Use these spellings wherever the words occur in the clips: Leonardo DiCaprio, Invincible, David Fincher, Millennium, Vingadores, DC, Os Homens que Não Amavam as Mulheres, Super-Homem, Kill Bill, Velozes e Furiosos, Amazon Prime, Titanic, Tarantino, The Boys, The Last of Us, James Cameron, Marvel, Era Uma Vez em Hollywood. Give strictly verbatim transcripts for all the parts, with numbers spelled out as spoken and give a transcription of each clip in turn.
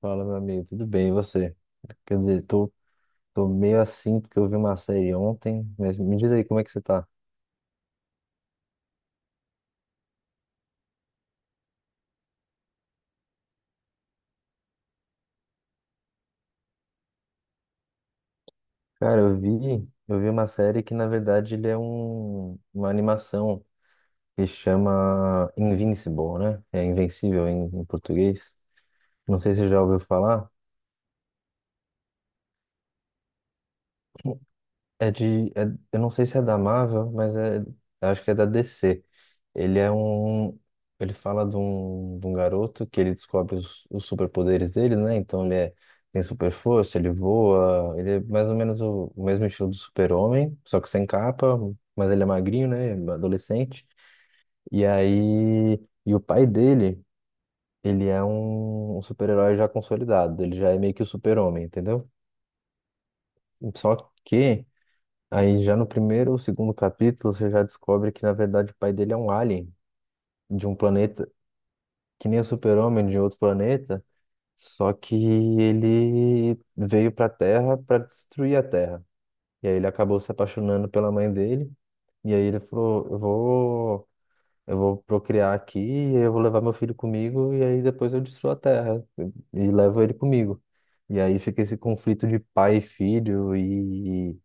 Fala, meu amigo, tudo bem? E você? Quer dizer, tô, tô meio assim porque eu vi uma série ontem, mas me diz aí como é que você tá? Cara, eu vi, eu vi uma série que na verdade ele é um, uma animação que chama Invincible, né? É Invencível em, em português. Não sei se você já ouviu falar. É de. é- eu não sei se é da Marvel, mas é, eu acho que é da D C. Ele é um. Ele fala de um, de um garoto que ele descobre os, os superpoderes dele, né? Então ele é, tem super força, ele voa, ele é mais ou menos o, o mesmo estilo do super-homem, só que sem capa, mas ele é magrinho, né? Adolescente. E aí. E o pai dele, ele é um, um super-herói já consolidado, ele já é meio que o super-homem, entendeu? Só que. Aí já no primeiro ou segundo capítulo você já descobre que na verdade o pai dele é um alien de um planeta que nem o Super-Homem de outro planeta, só que ele veio para a Terra para destruir a Terra. E aí ele acabou se apaixonando pela mãe dele e aí ele falou: "Eu vou eu vou procriar aqui, e eu vou levar meu filho comigo e aí depois eu destruo a Terra e levo ele comigo". E aí fica esse conflito de pai e filho e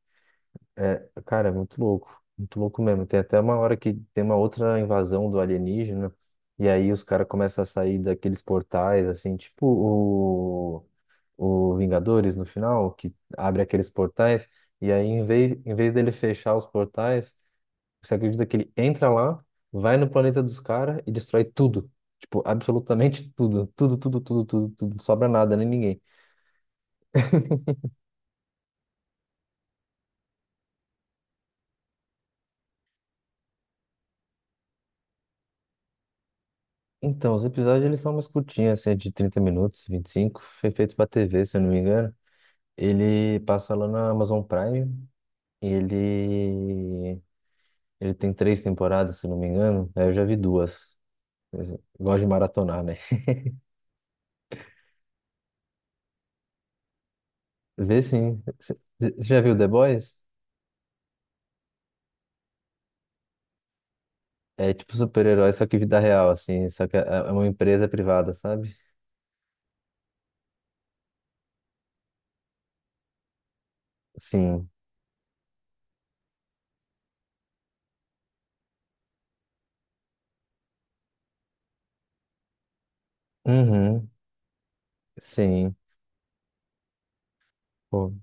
é, cara, é muito louco. Muito louco mesmo. Tem até uma hora que tem uma outra invasão do alienígena, e aí os caras começam a sair daqueles portais, assim, tipo o, o Vingadores no final, que abre aqueles portais, e aí em vez, em vez dele fechar os portais, você acredita que ele entra lá, vai no planeta dos caras e destrói tudo. Tipo, absolutamente tudo. Tudo, tudo, tudo, tudo, tudo. Não sobra nada, nem ninguém. Então, os episódios eles são umas curtinhas, assim, de trinta minutos, vinte e cinco foi feito pra T V, se eu não me engano. Ele passa lá na Amazon Prime. e Ele, ele tem três temporadas, se não me engano. Aí eu já vi duas. Eu gosto de maratonar, né? Vê sim. Você já viu The Boys? É tipo super-herói, só que vida real, assim. Só que é é uma empresa privada, sabe? Sim. Uhum. Sim. Pô,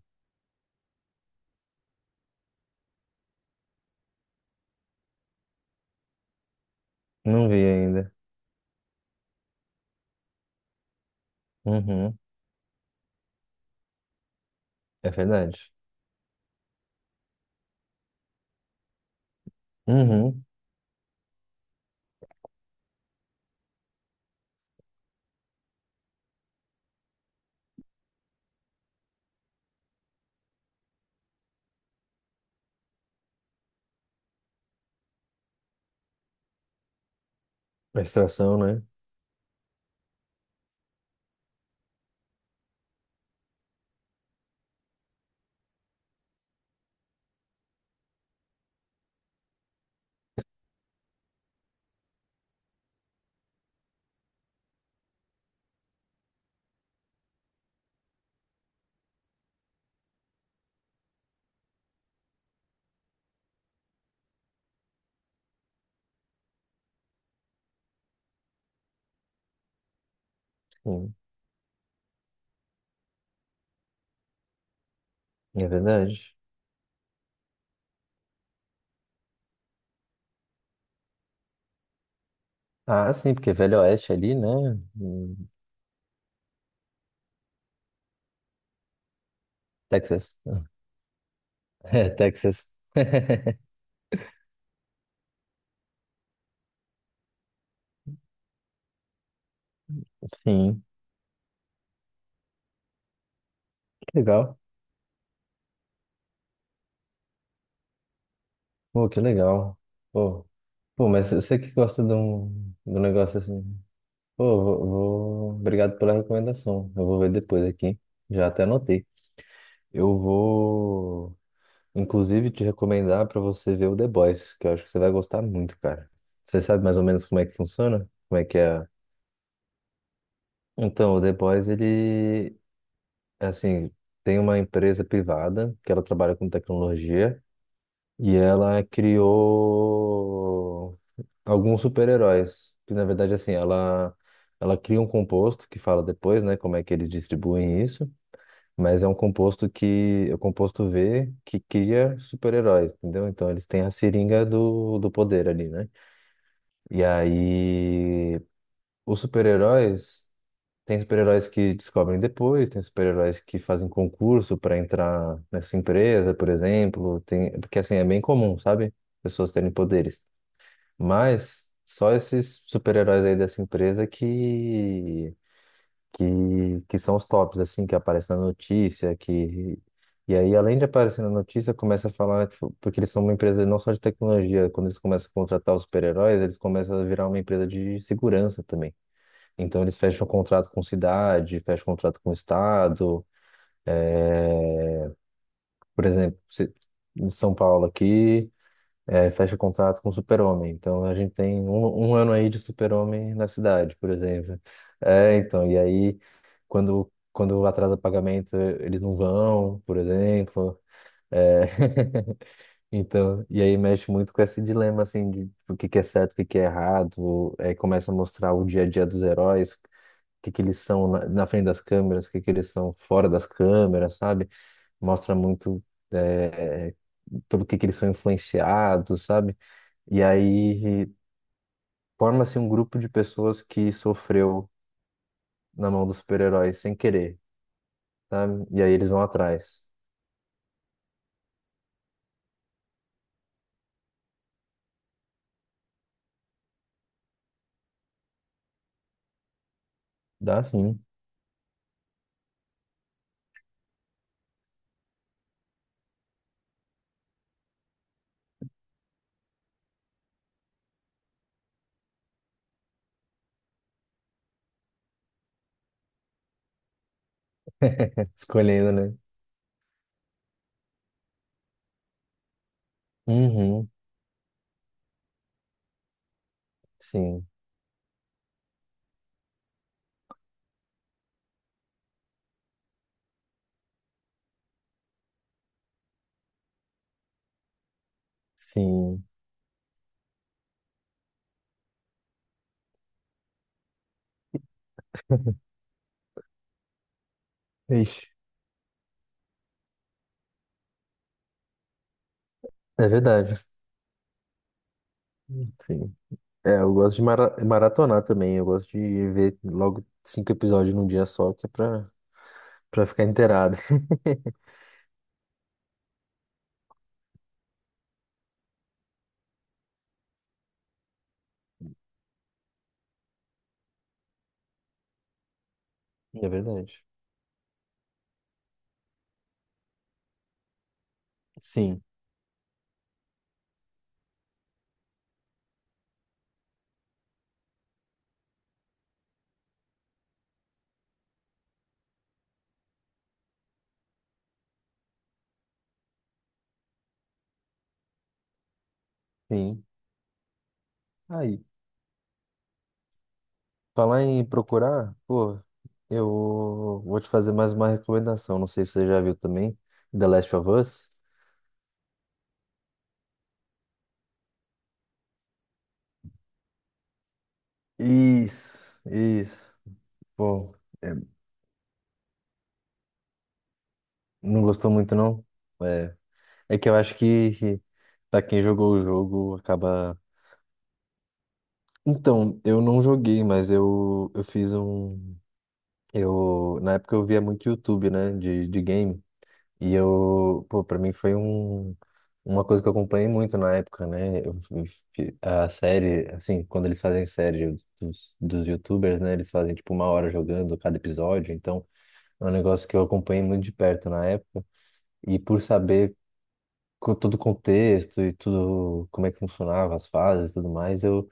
não vi ainda. Uhum. É verdade. Uhum. A extração, né? Sim. É verdade. Ah, sim, porque Velho Oeste é ali, né? Hum, Texas. É, Texas. Sim. Que legal. Pô, que legal. Pô, pô, mas você que gosta de um, de um negócio assim. Pô, vou, vou- Obrigado pela recomendação. Eu vou ver depois aqui. Já até anotei. Eu vou, inclusive, te recomendar para você ver o The Boys, que eu acho que você vai gostar muito, cara. Você sabe mais ou menos como é que funciona? Como é que é? Então, o The Boys, ele, assim, tem uma empresa privada que ela trabalha com tecnologia. E ela criou alguns super-heróis, que na verdade assim, ela ela cria um composto que fala depois, né, como é que eles distribuem isso, mas é um composto que é o composto V que cria super-heróis, entendeu? Então eles têm a seringa do, do poder ali, né? E aí os super-heróis Tem super-heróis que descobrem depois, tem super-heróis que fazem concurso para entrar nessa empresa, por exemplo. Tem, porque assim, é bem comum, sabe? Pessoas terem poderes. Mas só esses super-heróis aí dessa empresa que, que, que são os tops, assim, que aparecem na notícia, que... E aí, além de aparecer na notícia, começa a falar, tipo, porque eles são uma empresa não só de tecnologia, quando eles começam a contratar os super-heróis, eles começam a virar uma empresa de segurança também. Então, eles fecham um contrato com cidade, fecham um contrato com estado, por exemplo, se- em São Paulo aqui. É, fecha contrato com o Super-Homem. Então a gente tem um, um ano aí de Super-Homem na cidade, por exemplo. É, então, e aí quando, quando atrasa pagamento, eles não vão, por exemplo. É, então, e aí mexe muito com esse dilema assim de o que que é certo, o que que é errado, aí começa a mostrar o dia a dia dos heróis, o que que eles são na, na frente das câmeras, o que que eles são fora das câmeras, sabe? Mostra muito é, pelo que que eles são influenciados, sabe? E aí forma-se um grupo de pessoas que sofreu na mão dos super-heróis sem querer, sabe? E aí eles vão atrás. Dá sim. Escolhendo, né? Uhum. Sim. Sim. Ixi. É verdade. Sim, É, eu gosto de mara- maratonar também. Eu gosto de ver logo cinco episódios num dia só, que é pra, pra ficar inteirado. É verdade. Sim, sim. Aí. Falar em procurar, pô, eu vou te fazer mais uma recomendação. Não sei se você já viu também, The Last of Us. Isso, isso. Pô, é, não gostou muito, não? É, é que eu acho que, que pra quem jogou o jogo acaba. Então, eu não joguei, mas eu, eu fiz um. Eu, na época eu via muito YouTube, né, de, de game. E eu, pô, pra mim foi um, uma coisa que eu acompanhei muito na época, né? Eu, eu fi- a série, assim, quando eles fazem série dos, dos YouTubers, né? Eles fazem tipo uma hora jogando cada episódio, então é um negócio que eu acompanhei muito de perto na época. E por saber co- todo o contexto e tudo, como é que funcionava as fases e tudo mais, eu,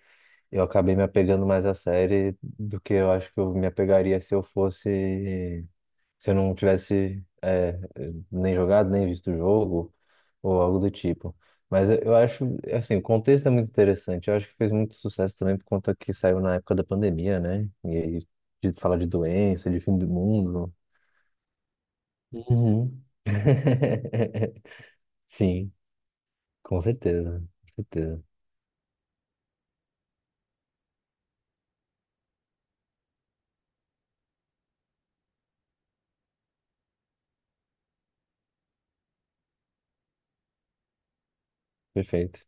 eu acabei me apegando mais à série do que eu acho que eu me apegaria se eu fosse se eu não tivesse é, nem jogado, nem visto o jogo, ou algo do tipo. Mas eu eu acho, assim, o contexto é muito interessante. Eu acho que fez muito sucesso também por conta que saiu na época da pandemia, né? E aí, de falar de doença, de fim do mundo. Uhum. Sim, com certeza, com certeza. Perfeito.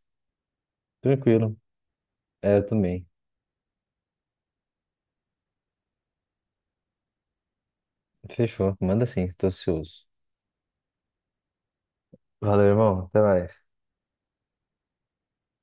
Tranquilo. É, eu também. Fechou. Manda sim, tô ansioso. Valeu, irmão. Até mais.